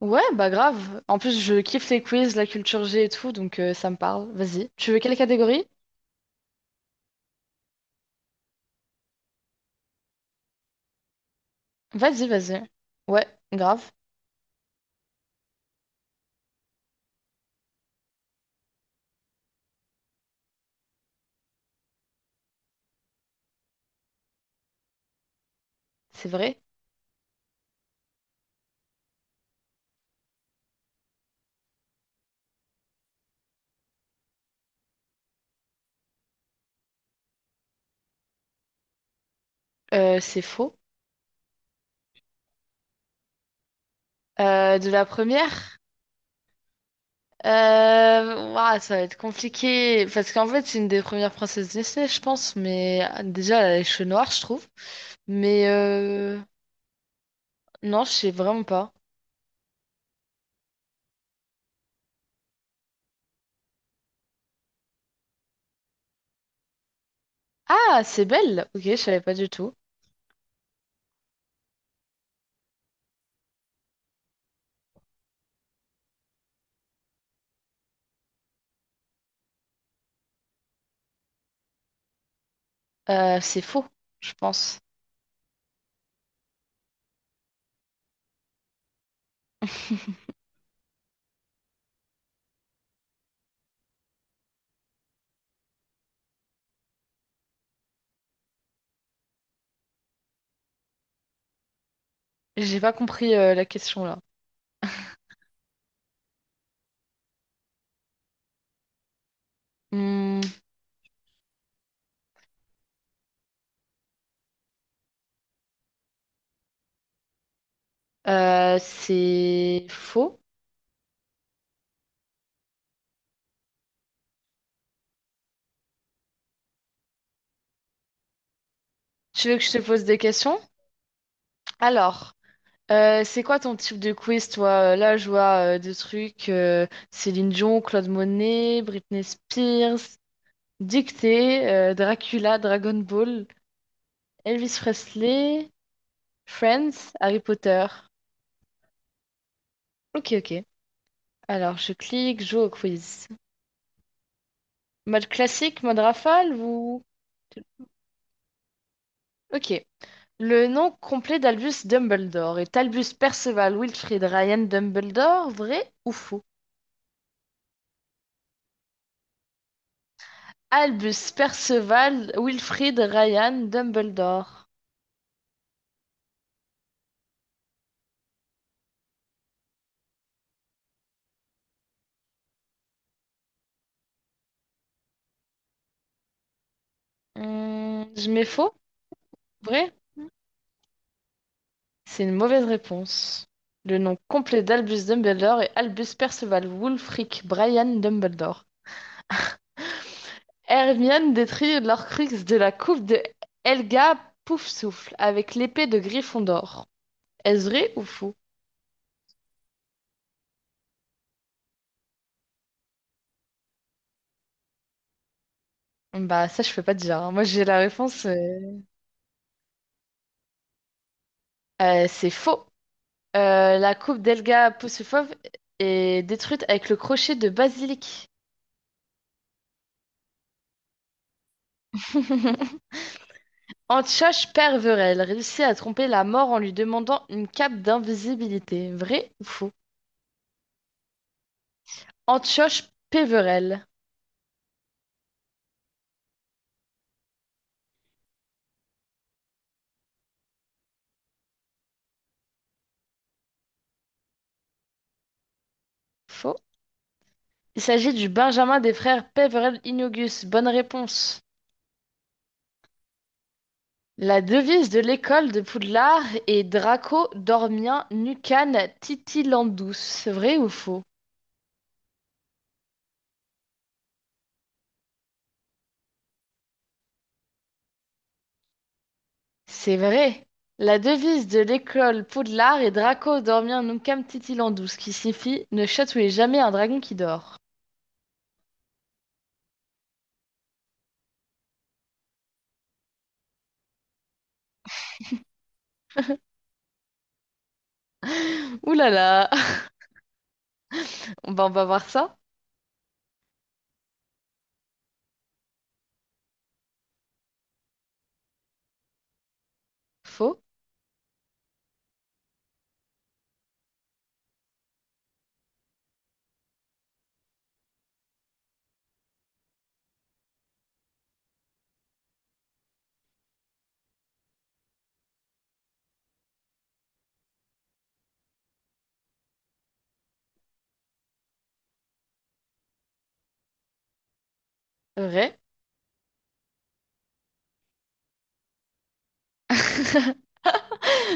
Ouais, bah grave. En plus, je kiffe les quiz, la culture G et tout, donc ça me parle. Vas-y. Tu veux quelle catégorie? Vas-y, vas-y. Ouais, grave. C'est vrai. C'est faux. De la première? Ouah, ça va être compliqué. Parce qu'en fait, c'est une des premières princesses Disney, je pense. Mais ah, déjà, elle a les cheveux noirs, je trouve. Mais non, je sais vraiment pas. Ah, c'est Belle. Ok, je savais pas du tout. C'est faux, je pense. J'ai pas compris la question là. Hmm, c'est faux. Tu veux que je te pose des questions? Alors, c'est quoi ton type de quiz, toi? Là, je vois des trucs Céline Dion, Claude Monet, Britney Spears, Dictée, Dracula, Dragon Ball, Elvis Presley, Friends, Harry Potter. Ok, ok. Alors, je clique, joue au quiz. Mode classique, mode rafale ou... Ok. Le nom complet d'Albus Dumbledore est Albus Perceval Wilfrid Ryan Dumbledore, vrai ou faux? Albus Perceval Wilfrid Ryan Dumbledore. Je mets faux, vrai? C'est une mauvaise réponse. Le nom complet d'Albus Dumbledore est Albus Perceval Wulfric Brian Dumbledore. Hermione détruit l'Orcrux de la coupe de Helga Poufsouffle avec l'épée de Gryffondor. Est-ce vrai ou faux? Bah ça je peux pas te dire, hein. Moi j'ai la réponse. C'est faux. La coupe d'Elga Poussufov est détruite avec le crochet de basilic. Antioche Perverel réussit à tromper la mort en lui demandant une cape d'invisibilité. Vrai ou faux? Antioche Peverel. Faux. Il s'agit du Benjamin des frères Peverel Innogus. Bonne réponse. La devise de l'école de Poudlard est Draco Dormien Nucan Titilandus. Vrai ou faux? C'est vrai. La devise de l'école Poudlard est Draco dormir nunquam titilandus, ce qui signifie ne chatouillez jamais un dragon qui dort. Ouh là là. Bah, on va voir ça. Faux, vrai.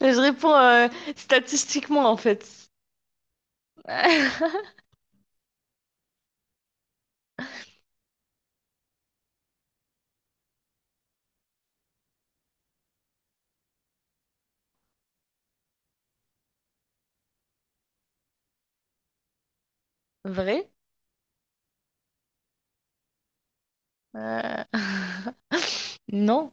Je réponds statistiquement en fait. Vrai? Euh, Non.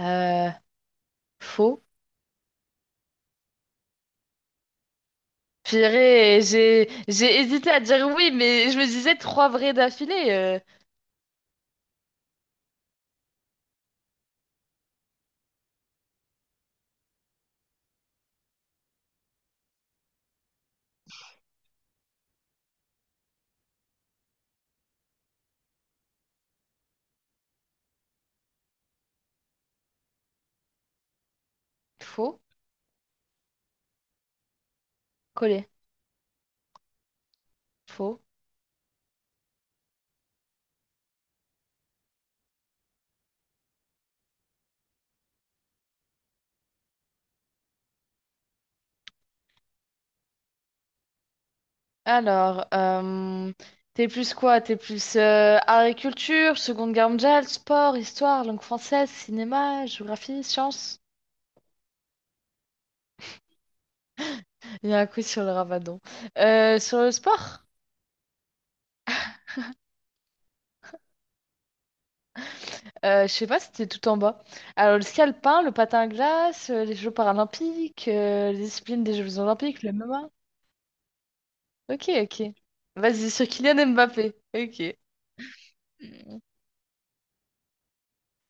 Euh, Faux. Purée, j'ai hésité à dire oui, mais je me disais trois vrais d'affilée. Faux. Collé. Faux. Alors, t'es plus quoi? T'es plus art et culture, Seconde Guerre mondiale, sport, histoire, langue française, cinéma, géographie, sciences. Il y a un quiz sur le ramadan. Sur le sport, je sais pas, c'était tout en bas. Alors, le ski alpin, le patin à glace, les Jeux paralympiques, les disciplines des Jeux olympiques, le MMA. Ok, ok. Vas-y, sur Kylian Mbappé. Ok.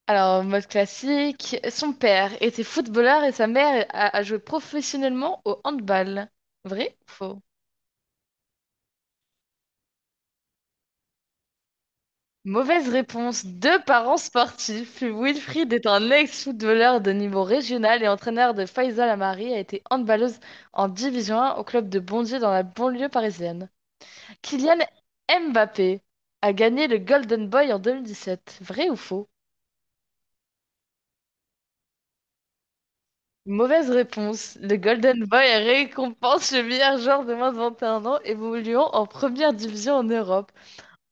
Alors, en mode classique, son père était footballeur et sa mère a joué professionnellement au handball. Vrai ou faux? Mauvaise réponse. Deux parents sportifs. Wilfried est un ex-footballeur de niveau régional et entraîneur de Faisal Amari a été handballeuse en Division 1 au club de Bondy dans la banlieue parisienne. Kylian Mbappé a gagné le Golden Boy en 2017. Vrai ou faux? Mauvaise réponse. Le Golden Boy récompense le meilleur joueur de moins de 21 ans évoluant en première division en Europe.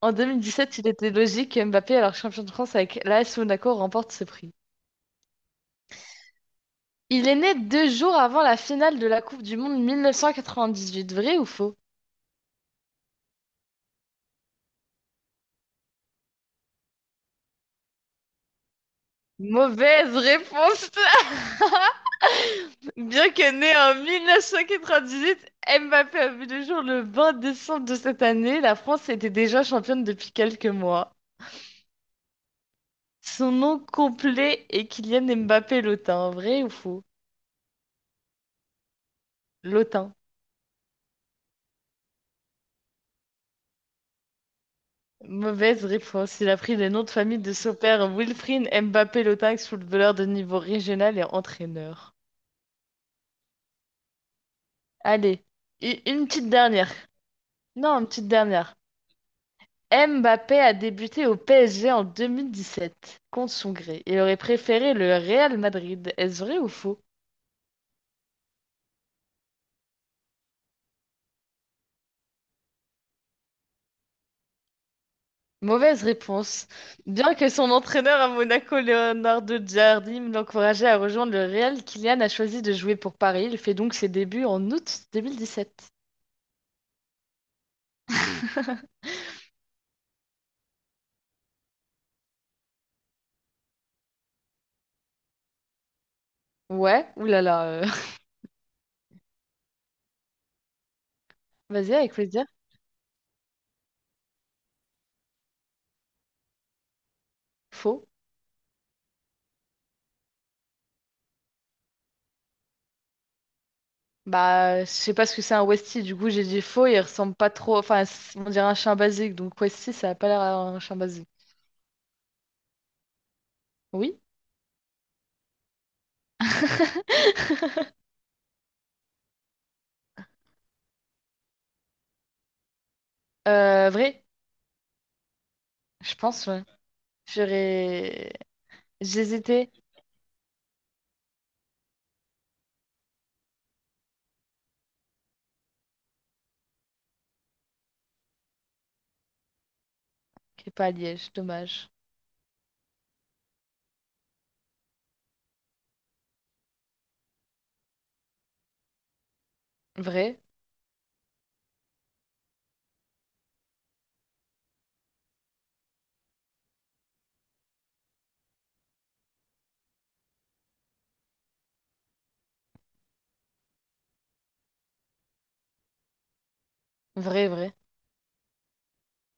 En 2017, il était logique que Mbappé, alors champion de France avec l'AS Monaco, remporte ce prix. Il est né 2 jours avant la finale de la Coupe du Monde 1998. Vrai ou faux? Mauvaise réponse! Bien que né en 1998, Mbappé a vu le jour le 20 décembre de cette année, la France était déjà championne depuis quelques mois. Son nom complet est Kylian Mbappé Lotin. Vrai ou faux? Lotin. Mauvaise réponse. Il a pris le nom de famille de son père Wilfried Mbappé Lotin, ex-footballeur de niveau régional et entraîneur. Allez, une petite dernière. Non, une petite dernière. Mbappé a débuté au PSG en 2017, contre son gré. Il aurait préféré le Real Madrid. Est-ce vrai ou faux? Mauvaise réponse. Bien que son entraîneur à Monaco, Leonardo Giardini, l'encourageait à rejoindre le Real, Kylian a choisi de jouer pour Paris. Il fait donc ses débuts en août 2017. Ouais, oulala. Vas-y, avec plaisir. Faux. Bah, je sais pas ce que c'est un Westie, du coup j'ai dit faux, il ressemble pas trop. Enfin, on dirait un chien basique, donc Westie ça a pas l'air d'un chien basique. Oui. Vrai, je pense, ouais. J'aurais. J'hésitais. Qui est pas à Liège, dommage. Vrai, vrai, vrai.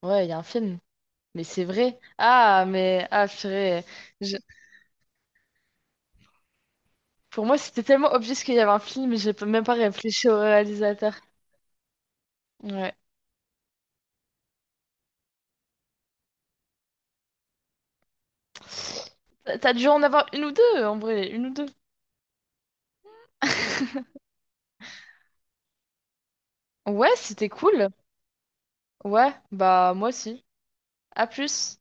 Ouais, il y a un film, mais c'est vrai. Ah, mais ah, purée. Je- Pour moi, c'était tellement obvious qu'il y avait un film, mais j'ai pas- même pas réfléchi au réalisateur. Ouais. T'as dû en avoir une ou deux, en vrai, une ou deux. Ouais, c'était cool. Ouais, bah moi aussi. À plus.